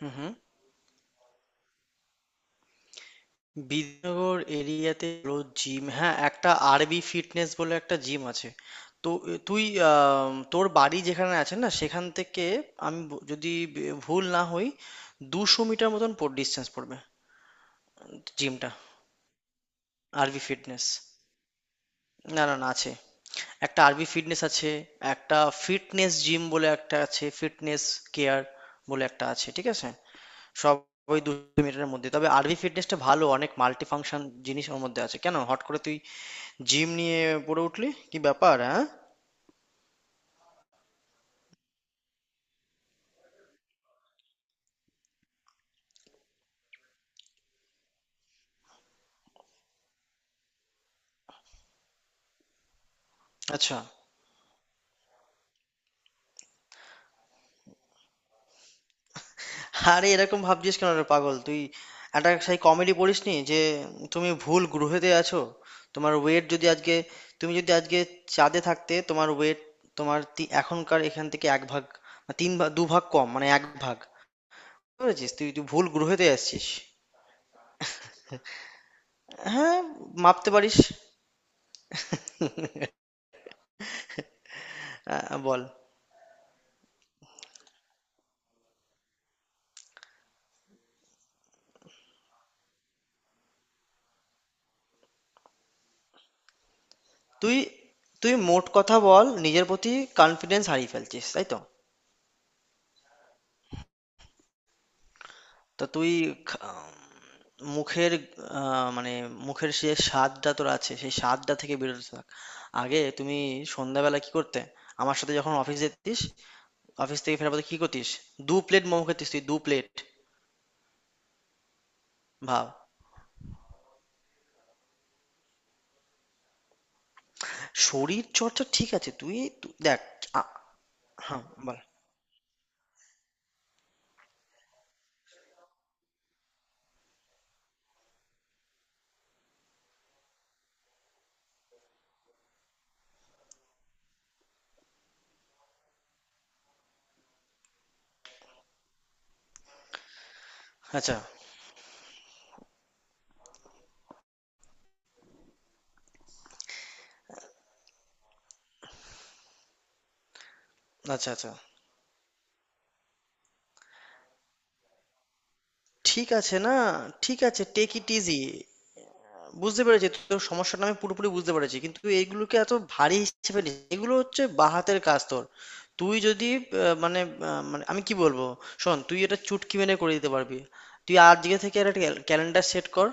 হুম, হুম। বিদ্যানগর এরিয়াতে রোজ জিম, হ্যাঁ, একটা আরবি ফিটনেস বলে একটা জিম আছে। তো এ তুই তোর বাড়ি যেখানে আছে না, সেখান থেকে আমি যদি ভুল না হই, ২০০ মিটার মতন পর ডিসটেন্স পড়বে জিমটা। আরবি ফিটনেস। না, না, না, আছে। একটা আরবি ফিটনেস আছে, একটা ফিটনেস জিম বলে একটা আছে, ফিটনেস কেয়ার বলে একটা আছে। ঠিক আছে? সবই দু মিটারের মধ্যে, তবে আরভি ফিটনেসটা ভালো, অনেক মাল্টি ফাংশন জিনিস ওর মধ্যে আছে। কেন হট করে তুই জিম নিয়ে পড়ে উঠলি, কি ব্যাপার, হ্যাঁ? আচ্ছা। আরে এরকম ভাবছিস কেন রে পাগল তুই? একটা সেই কমেডি পড়িসনি যে তুমি ভুল গ্রহেতে আছো? তোমার ওয়েট যদি আজকে, তুমি যদি আজকে চাঁদে থাকতে, তোমার ওয়েট তোমার এখনকার এখান থেকে এক ভাগ বা তিন ভাগ দু ভাগ কম, মানে এক ভাগ। বুঝেছিস তুই তুই ভুল গ্রহেতে আসছিস। হ্যাঁ, মাপতে পারিস। বল। তুই তুই মোট কথা বল, নিজের প্রতি কনফিডেন্স হারিয়ে ফেলছিস তাই তো? তো তুই খা- মুখের, মানে, মুখের যে স্বাদটা তোর আছে, সেই স্বাদটা থেকে বেরোতে থাক। আগে তুমি সন্ধ্যাবেলা কি করতে আমার সাথে যখন অফিস যেতিস? অফিস থেকে ফেরার পথে কি করতিস? দু প্লেট মোমো খেতিস তুই, দু প্লেট। ভাব। শরীর চর্চা, ঠিক আছে তুই দেখ। আ- হ্যাঁ, বল। আচ্ছা, আচ্ছা। আচ্ছা। ঠিক আছে না, ঠিক আছে, টেক ইট ইজি। বুঝতে পেরেছি তোর সমস্যাটা, আমি পুরোপুরি বুঝতে পেরেছি, কিন্তু এইগুলোকে এত ভারী হিসেবে নিস। এগুলো হচ্ছে বাঁহাতের কাজ তোর। তুই যদি মানে, মানে, আমি কি বলবো, শোন, তুই এটা চুটকি মেনে করে দিতে পারবি। তুই আজকে থেকে একটা ক্যালেন্ডার সেট কর।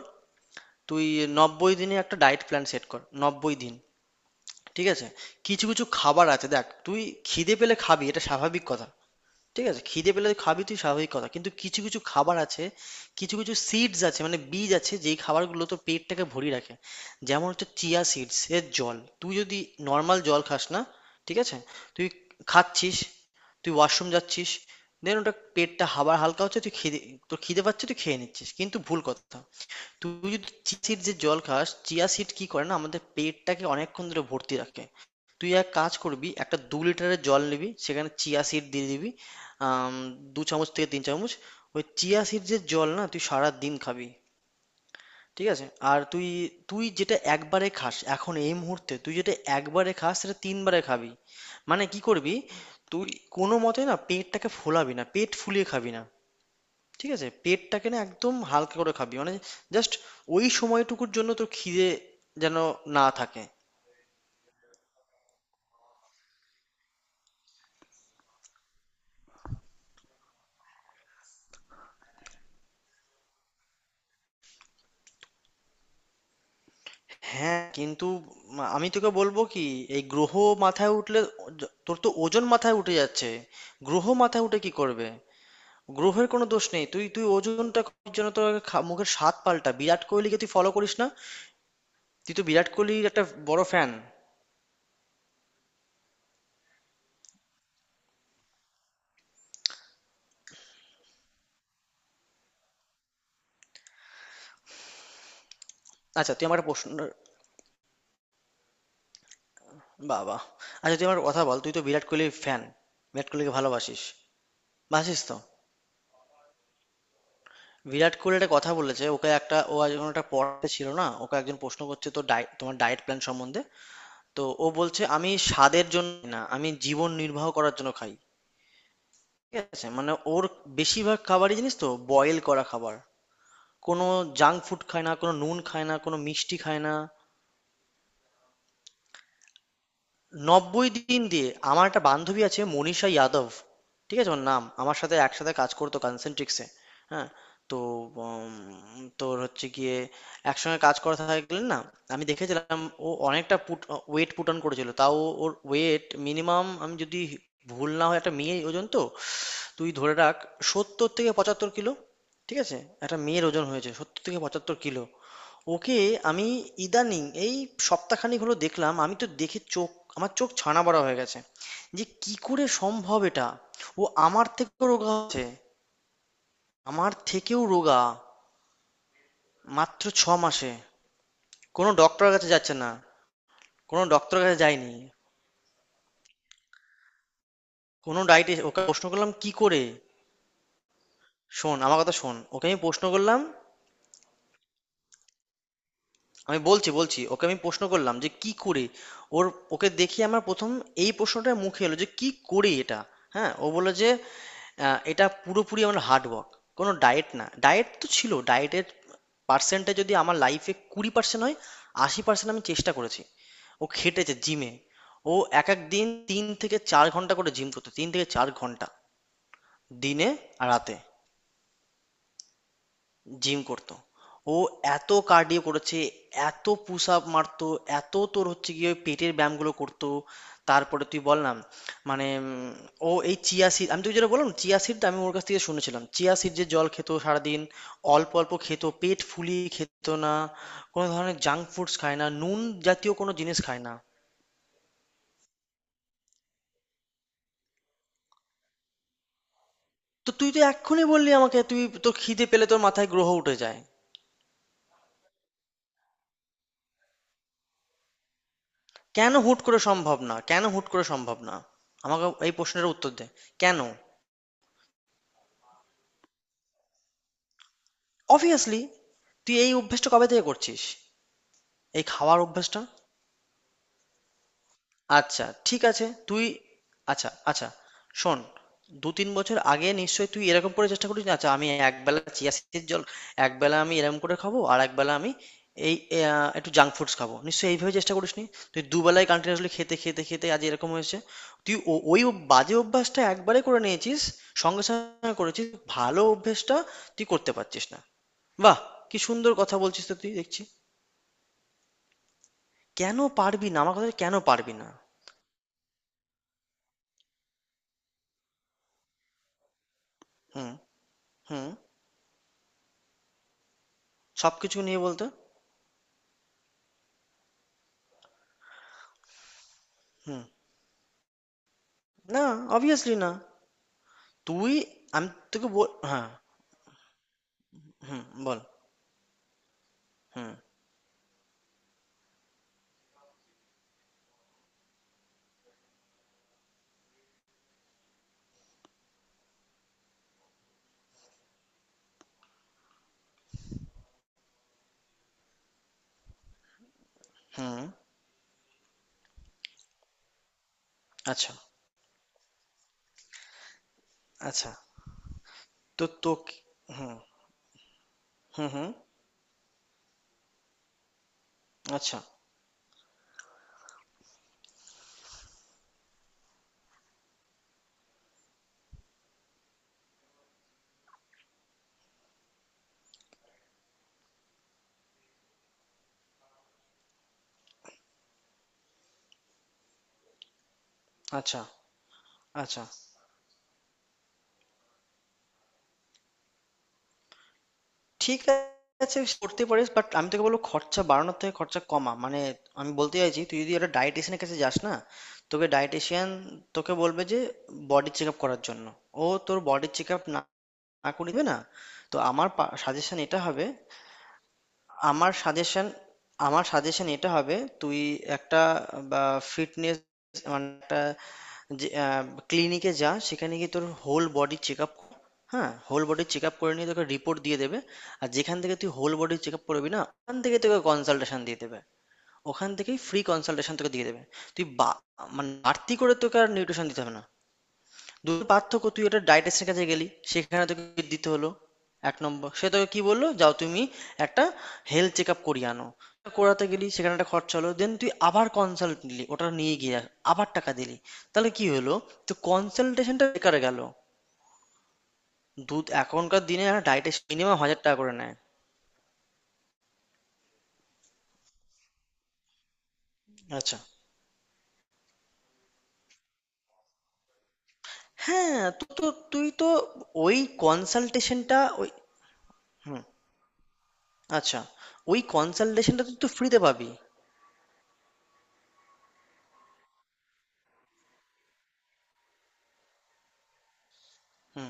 তুই ৯০ দিনে একটা ডায়েট প্ল্যান সেট কর, ৯০ দিন। ঠিক আছে? কিছু কিছু খাবার আছে, দেখ তুই খিদে পেলে খাবি, এটা স্বাভাবিক কথা। ঠিক আছে, খিদে পেলে খাবি তুই, স্বাভাবিক কথা, কিন্তু কিছু কিছু খাবার আছে, কিছু কিছু সিডস আছে, মানে বীজ আছে, যেই খাবারগুলো তোর পেটটাকে ভরিয়ে রাখে। যেমন হচ্ছে চিয়া সিডস এর জল। তুই যদি নর্মাল জল খাস না, ঠিক আছে, তুই খাচ্ছিস, তুই ওয়াশরুম যাচ্ছিস, দেন ওটা পেটটা হাবার হালকা হচ্ছে, তুই খিদে, তোর খিদে পাচ্ছে, তুই খেয়ে নিচ্ছিস, কিন্তু ভুল কথা। তুই যদি চিয়া সিড যে জল খাস, চিয়া সিড কি করে না আমাদের পেটটাকে অনেকক্ষণ ধরে ভর্তি রাখে। তুই এক কাজ করবি, একটা ২ লিটারের জল নিবি, সেখানে চিয়া সিড দিয়ে দিবি, আম, দু চামচ থেকে তিন চামচ। ওই চিয়া সিডসের জল না তুই সারা দিন খাবি। ঠিক আছে? আর তুই, তুই যেটা একবারে খাস, এখন এই মুহূর্তে তুই যেটা একবারে খাস, সেটা তিনবারে খাবি। মানে কি করবি, তুই কোনো মতে না পেটটাকে ফোলাবি না, পেট ফুলিয়ে খাবি না। ঠিক আছে, পেটটাকে না একদম হালকা করে খাবি, মানে জাস্ট ওই সময়টুকুর জন্য তোর খিদে যেন না থাকে। হ্যাঁ, কিন্তু আমি তোকে বলবো কি, এই গ্রহ মাথায় উঠলে তোর তো ওজন মাথায় উঠে যাচ্ছে। গ্রহ মাথায় উঠে কি করবে? গ্রহের কোনো দোষ নেই। তুই তুই ওজনটা কমানোর জন্য তোর আগে মুখের স্বাদ পাল্টা। বিরাট কোহলিকে তুই ফলো করিস না? তুই তো বিরাট কোহলির একটা বড় ফ্যান। আচ্ছা তুই আমার একটা প্রশ্ন, বাবা। আচ্ছা তুই আমার কথা বল, তুই তো বিরাট কোহলির ফ্যান, বিরাট কোহলিকে ভালোবাসিস, বাসিস তো? বিরাট কোহলি একটা কথা বলেছে, ওকে একটা, ও একজন একটা পড়াতে ছিল না, ওকে একজন প্রশ্ন করছে তো, ডায়েট, তোমার ডায়েট প্ল্যান সম্বন্ধে। তো ও বলছে, আমি স্বাদের জন্য না, আমি জীবন নির্বাহ করার জন্য খাই। ঠিক আছে, মানে ওর বেশিরভাগ খাবারই জানিস তো বয়েল করা খাবার, কোনো জাঙ্ক ফুড খায় না, কোনো নুন খায় না, কোনো মিষ্টি খায় না। ৯০ দিন দিয়ে, আমার একটা বান্ধবী আছে, মনীষা যাদব। ঠিক আছে, ওর নাম, আমার সাথে একসাথে কাজ করতো কনসেন্ট্রিক্সে। হ্যাঁ, তো উম, তোর হচ্ছে গিয়ে একসঙ্গে কাজ করা থাকলে না, আমি দেখেছিলাম ও অনেকটা পুট, ওয়েট পুট অন করেছিল, তাও ওর ওয়েট মিনিমাম আমি যদি ভুল না হয়, একটা মেয়ের ওজন তো তুই ধরে রাখ ৭০-৭৫ কিলো। ঠিক আছে, একটা মেয়ের ওজন হয়েছে ৭০-৭৫ কিলো। ওকে, আমি ইদানিং এই সপ্তাহখানেক হলো দেখলাম, আমি তো দেখে চোখ, আমার চোখ ছানা বড়া হয়ে গেছে, যে কি করে সম্ভব এটা। ও আমার থেকেও রোগা হচ্ছে, আমার থেকেও রোগা, মাত্র ৬ মাসে। কোনো ডক্টরের কাছে যাচ্ছে না, কোনো ডক্টরের কাছে যায়নি, কোনো ডায়েটে। ওকে প্রশ্ন করলাম কি করে, শোন, আমার কথা শোন, ওকে আমি প্রশ্ন করলাম, আমি বলছি, বলছি, ওকে আমি প্রশ্ন করলাম যে কি করে ওর, ওকে দেখি আমার প্রথম এই প্রশ্নটা মুখে এলো যে কি করে এটা। হ্যাঁ, ও বললো যে এটা পুরোপুরি আমার হার্ড ওয়ার্ক, কোনো ডায়েট না, ডায়েট তো ছিল, ডায়েটের পার্সেন্টে যদি আমার লাইফে ২০% হয়, ৮০% আমি চেষ্টা করেছি। ও খেটেছে জিমে, ও এক এক দিন ৩-৪ ঘন্টা করে জিম করতো, ৩-৪ ঘন্টা দিনে, আর রাতে জিম করতো। ও এত কার্ডিও করেছে, এত পুশ আপ মারতো, এত তোর হচ্ছে গিয়ে ওই পেটের ব্যায়ামগুলো করতো। তারপরে তুই বললাম, মানে ও এই চিয়া সিড, আমি তুই যেটা বললাম চিয়া সিড, আমি ওর কাছ থেকে শুনেছিলাম চিয়া সিড, যে জল খেত সারাদিন অল্প অল্প খেত, পেট ফুলিয়ে খেত না, কোনো ধরনের জাঙ্ক ফুডস খায় না, নুন জাতীয় কোনো জিনিস খায় না। তো তুই তো এক্ষুনি বললি আমাকে তুই, তোর খিদে পেলে তোর মাথায় গ্রহ উঠে যায়। কেন হুট করে সম্ভব না? কেন হুট করে সম্ভব না? আমাকে এই প্রশ্নের উত্তর দে, কেন? অবভিয়াসলি। তুই এই অভ্যেসটা কবে থেকে করছিস, এই খাওয়ার অভ্যেসটা? আচ্ছা, ঠিক আছে তুই, আচ্ছা, আচ্ছা, শোন, ২-৩ বছর আগে নিশ্চয়ই তুই এরকম করে চেষ্টা করিস না, আচ্ছা আমি একবেলা চিয়া সিডের জল, একবেলা আমি এরকম করে খাবো, আর একবেলা আমি এই একটু জাঙ্ক ফুডস খাবো, নিশ্চয়ই এইভাবে চেষ্টা করিসনি। তুই দুবেলায় কন্টিনিউয়াসলি খেতে খেতে খেতে আজ এরকম হয়েছে। তুই ও- ওই অভ- বাজে অভ্যাসটা একবারে করে নিয়েছিস, সঙ্গে সঙ্গে করেছিস, ভালো অভ্যেসটা তুই করতে পারছিস না। বাহ, কি সুন্দর কথা বলছিস তো তুই, দেখছি। কেন পারবি না আমার কথাটা, কেন পারবি না? হুম, হুম। সবকিছু নিয়ে বলতো। হুম। না, অবভিয়াসলি না। তুই, আমি তোকে বল, হ্যাঁ, হুম বল। হুম, হুম। আচ্ছা, আচ্ছা। তো তোকে, হুম, হুম, হুম, আচ্ছা, আচ্ছা। আচ্ছা, ঠিক আছে, করতে পারিস, বাট আমি তোকে বলবো, খরচা বাড়ানোর থেকে খরচা কমা, মানে আমি বলতে চাইছি, তুই যদি একটা ডায়েটিশিয়ানের কাছে যাস না, তোকে ডায়েটিশিয়ান, তোকে বলবে যে বডি চেক আপ করার জন্য, ও তোর বডি চেক আপ আঁকু নিবে না। তো আমার সাজেশন এটা হবে, আমার সাজেশন আমার সাজেশন এটা হবে, তুই একটা বা ফিটনেস, মানে একটা ক্লিনিকে যা, সেখানে গিয়ে তোর হোল বডি চেক আপ, হ্যাঁ, হোল বডি চেক আপ করে নিয়ে তোকে রিপোর্ট দিয়ে দেবে। আর যেখান থেকে তুই হোল বডি চেক আপ করবি না, ওখান থেকে তোকে কনসালটেশন দিয়ে দেবে, ওখান থেকেই ফ্রি কনসালটেশন তোকে দিয়ে দেবে। তুই বা, মানে বাড়তি করে তোকে আর নিউট্রিশন দিতে হবে না। দুটোর পার্থক্য, তুই ওটা ডায়েটিশিয়ানের কাছে গেলি, সেখানে তোকে দিতে হলো, এক নম্বর, সে তোকে কি বললো, যাও তুমি একটা হেলথ চেক আপ করিয়ে আনো, করাতে গেলি, সেখানে একটা খরচা হলো, দেন তুই আবার কনসাল্ট নিলি ওটা নিয়ে গিয়ে, আবার টাকা দিলি, তাহলে কি হলো, তো কনসালটেশনটা বেকার গেল। দুধ এখনকার দিনে একটা ডায়েটিশিয়ান মিনিমাম ১০০০ টাকা করে নেয়। আচ্ছা। হ্যাঁ, তুই তো ওই কনসালটেশনটা ওই, হুম, আচ্ছা, ওই কনসালটেশনটা তুই তো ফ্রিতে পাবি। হুম।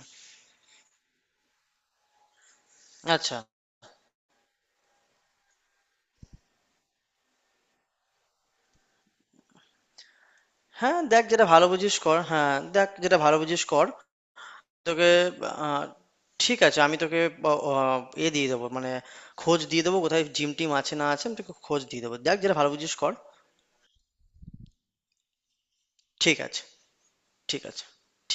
আচ্ছা। হ্যাঁ, দেখ যেটা ভালো বুঝিস কর। হ্যাঁ, দেখ যেটা ভালো বুঝিস কর। তোকে, আহ, ঠিক আছে, আমি তোকে এ দিয়ে দেবো, মানে খোঁজ দিয়ে দেবো কোথায় জিম টিম আছে না আছে, আমি তোকে খোঁজ দিয়ে দেবো। দেখ যেটা ভালো বুঝিস কর। ঠিক আছে, ঠিক আছে।